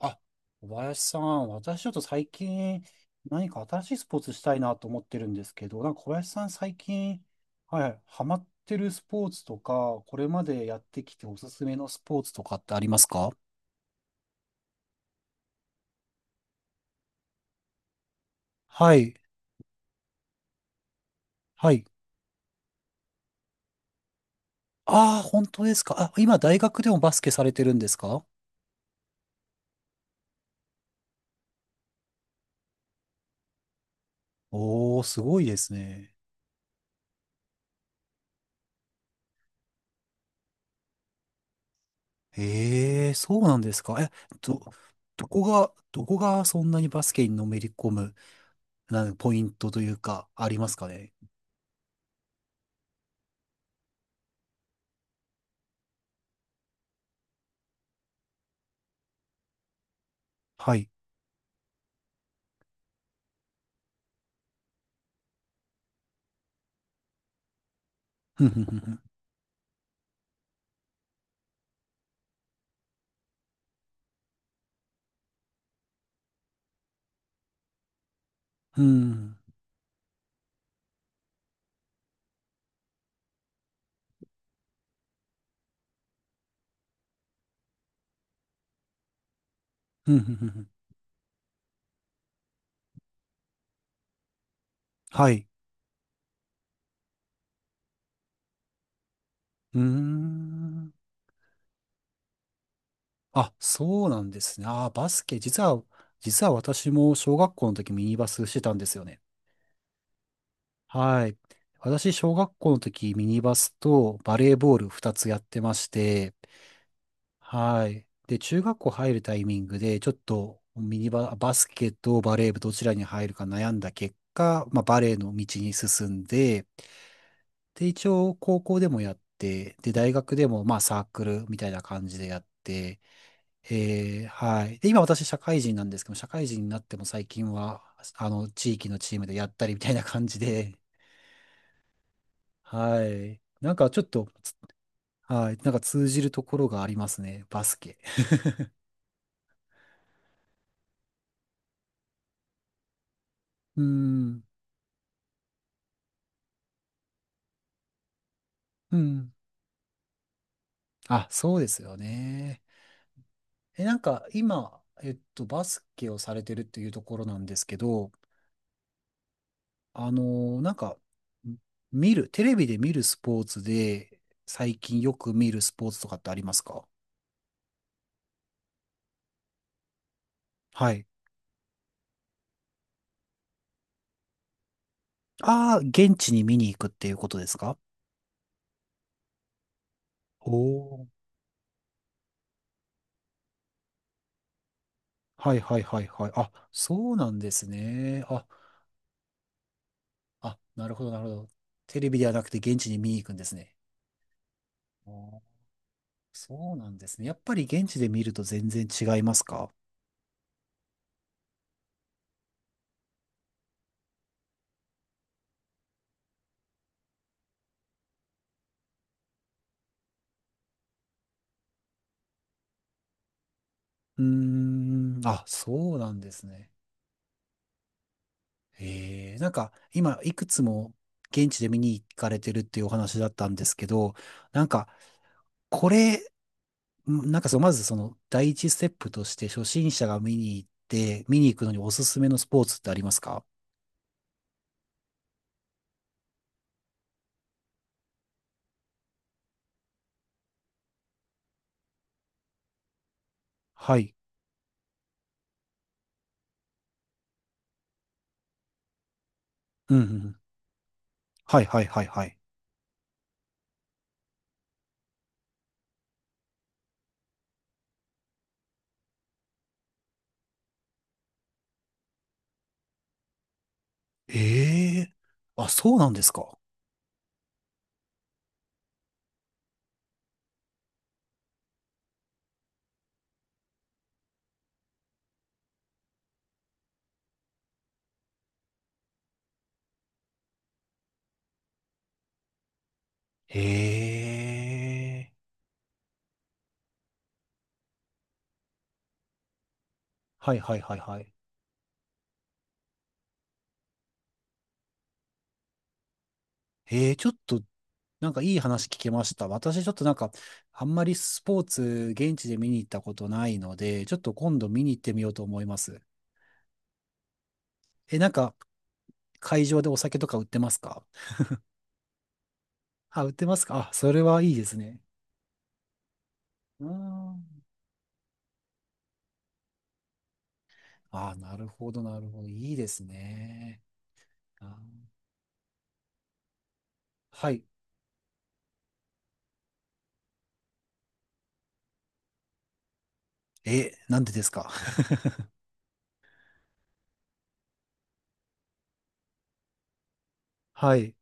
あ、小林さん、私ちょっと最近何か新しいスポーツしたいなと思ってるんですけど、なんか小林さん最近、はい、ハマってるスポーツとか、これまでやってきておすすめのスポーツとかってありますか？はい、はい。ああ、本当ですか。あ、今大学でもバスケされてるんですか？おー、すごいですね。ええ、そうなんですか。え、ど、どこが、どこがそんなにバスケにのめり込む、なんかポイントというか、ありますかね。はい。ふんふんふんふんふんふんふんふん。はい。うーん。あ、そうなんですね。あー、バスケ。実は私も小学校の時ミニバスしてたんですよね。はい。私、小学校の時ミニバスとバレーボール2つやってまして、はい。で、中学校入るタイミングで、ちょっとミニバ、バスケとバレー部どちらに入るか悩んだ結果、まあ、バレーの道に進んで、で、一応高校でもやって、で、大学でもまあサークルみたいな感じでやって、はい。で、今私社会人なんですけど、社会人になっても最近は、地域のチームでやったりみたいな感じで、はい。なんかちょっと、はい。なんか通じるところがありますね。バスケ。うん。うん。あ、そうですよね。なんか今、バスケをされてるっていうところなんですけど、なんか、テレビで見るスポーツで、最近よく見るスポーツとかってありますか？はい。ああ、現地に見に行くっていうことですか？おおー。はいはいはいはい。あ、そうなんですね。あ、あ、なるほどなるほど。テレビではなくて現地に見に行くんですね。あー、そうなんですね。やっぱり現地で見ると全然違いますか？うーん、あ、そうなんですね。なんか今いくつも現地で見に行かれてるっていうお話だったんですけど、なんかこれ、なんかまずその第一ステップとして初心者が見に行って、見に行くのにおすすめのスポーツってありますか？はい。うんうんうん。はいはいはいはい。ええー、あ、そうなんですか。ええー、はいはいはいはい。ええー、ちょっとなんかいい話聞けました。私ちょっとなんか、あんまりスポーツ、現地で見に行ったことないので、ちょっと今度見に行ってみようと思います。なんか、会場でお酒とか売ってますか？あ、売ってますか？あ、それはいいですね。うーん。あ、なるほど、なるほど。いいですね。あ、はい。なんでですか？ はい。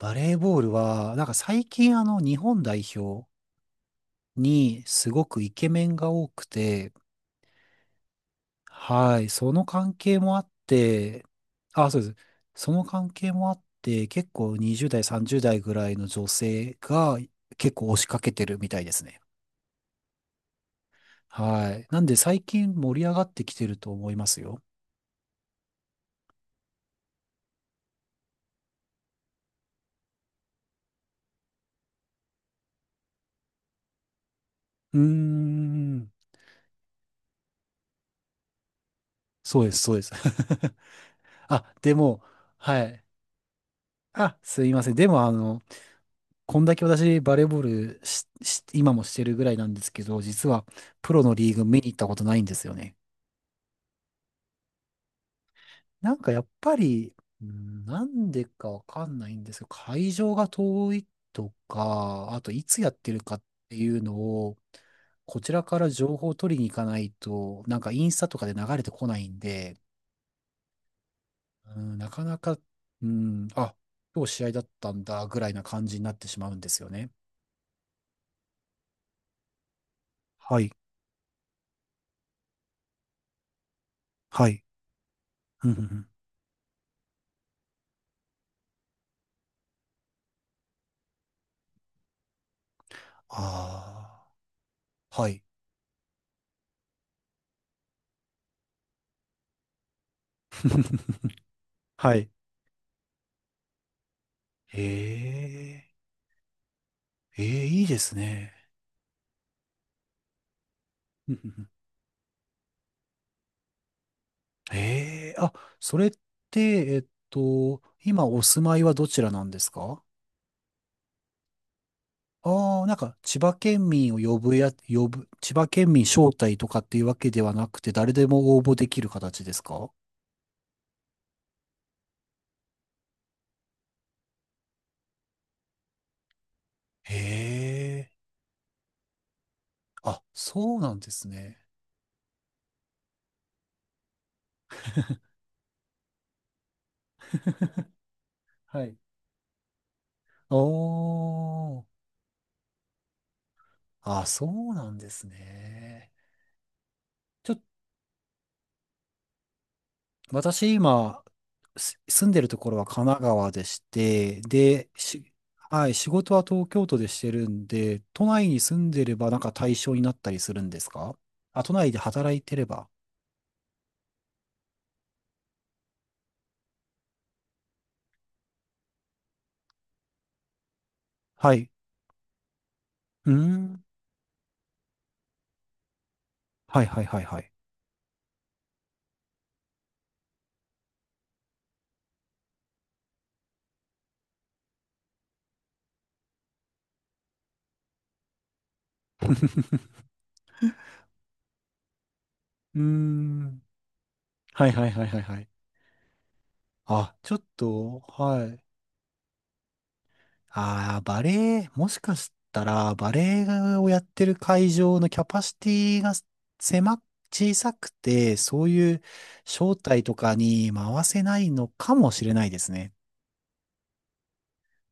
バレーボールは、なんか最近日本代表にすごくイケメンが多くて、はい、その関係もあって、あ、そうです。その関係もあって、結構20代、30代ぐらいの女性が結構押しかけてるみたいですね。はい。なんで最近盛り上がってきてると思いますよ。うーん。そうです、そうです。あ、でも、はい。あ、すいません。でも、こんだけ私、バレーボールし今もしてるぐらいなんですけど、実は、プロのリーグ見に行ったことないんですよね。なんかやっぱり、うん、なんでかわかんないんですけど、会場が遠いとか、あといつやってるかっていうのを、こちらから情報を取りに行かないと、なんかインスタとかで流れてこないんで、うん、なかなか、うん、あ、今日試合だったんだぐらいな感じになってしまうんですよね。はい、はい。うんうんうん、ああー、はい。はい。ええ、ええ、いいですね。ええ、あ、それって、今お住まいはどちらなんですか？ああ、なんか、千葉県民を呼ぶ、千葉県民招待とかっていうわけではなくて、誰でも応募できる形ですか？へえ、あ、そうなんですね。はい。おー、あ、そうなんですね。ちょっ私今、住んでるところは神奈川でして、で、はい、仕事は東京都でしてるんで、都内に住んでればなんか対象になったりするんですか？あ、都内で働いてれば。はい。うーん。はいはいはいはい。うーん。はいはいはいはいはい。あ、ちょっと、はい。ああ、バレエ、もしかしたら、バレエをやってる会場のキャパシティが狭、小さくて、そういう招待とかに回せないのかもしれないですね。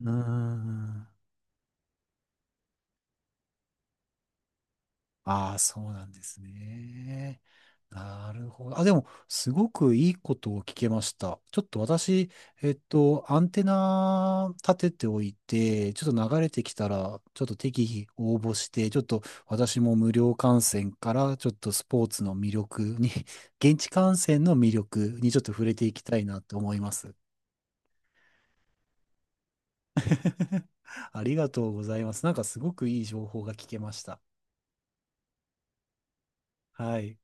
うーん。ああ、そうなんですね。なるほど。あ、でも、すごくいいことを聞けました。ちょっと私、アンテナ立てておいて、ちょっと流れてきたら、ちょっと適宜応募して、ちょっと私も無料観戦から、ちょっとスポーツの魅力に、現地観戦の魅力にちょっと触れていきたいなと思います。ありがとうございます。なんかすごくいい情報が聞けました。はい。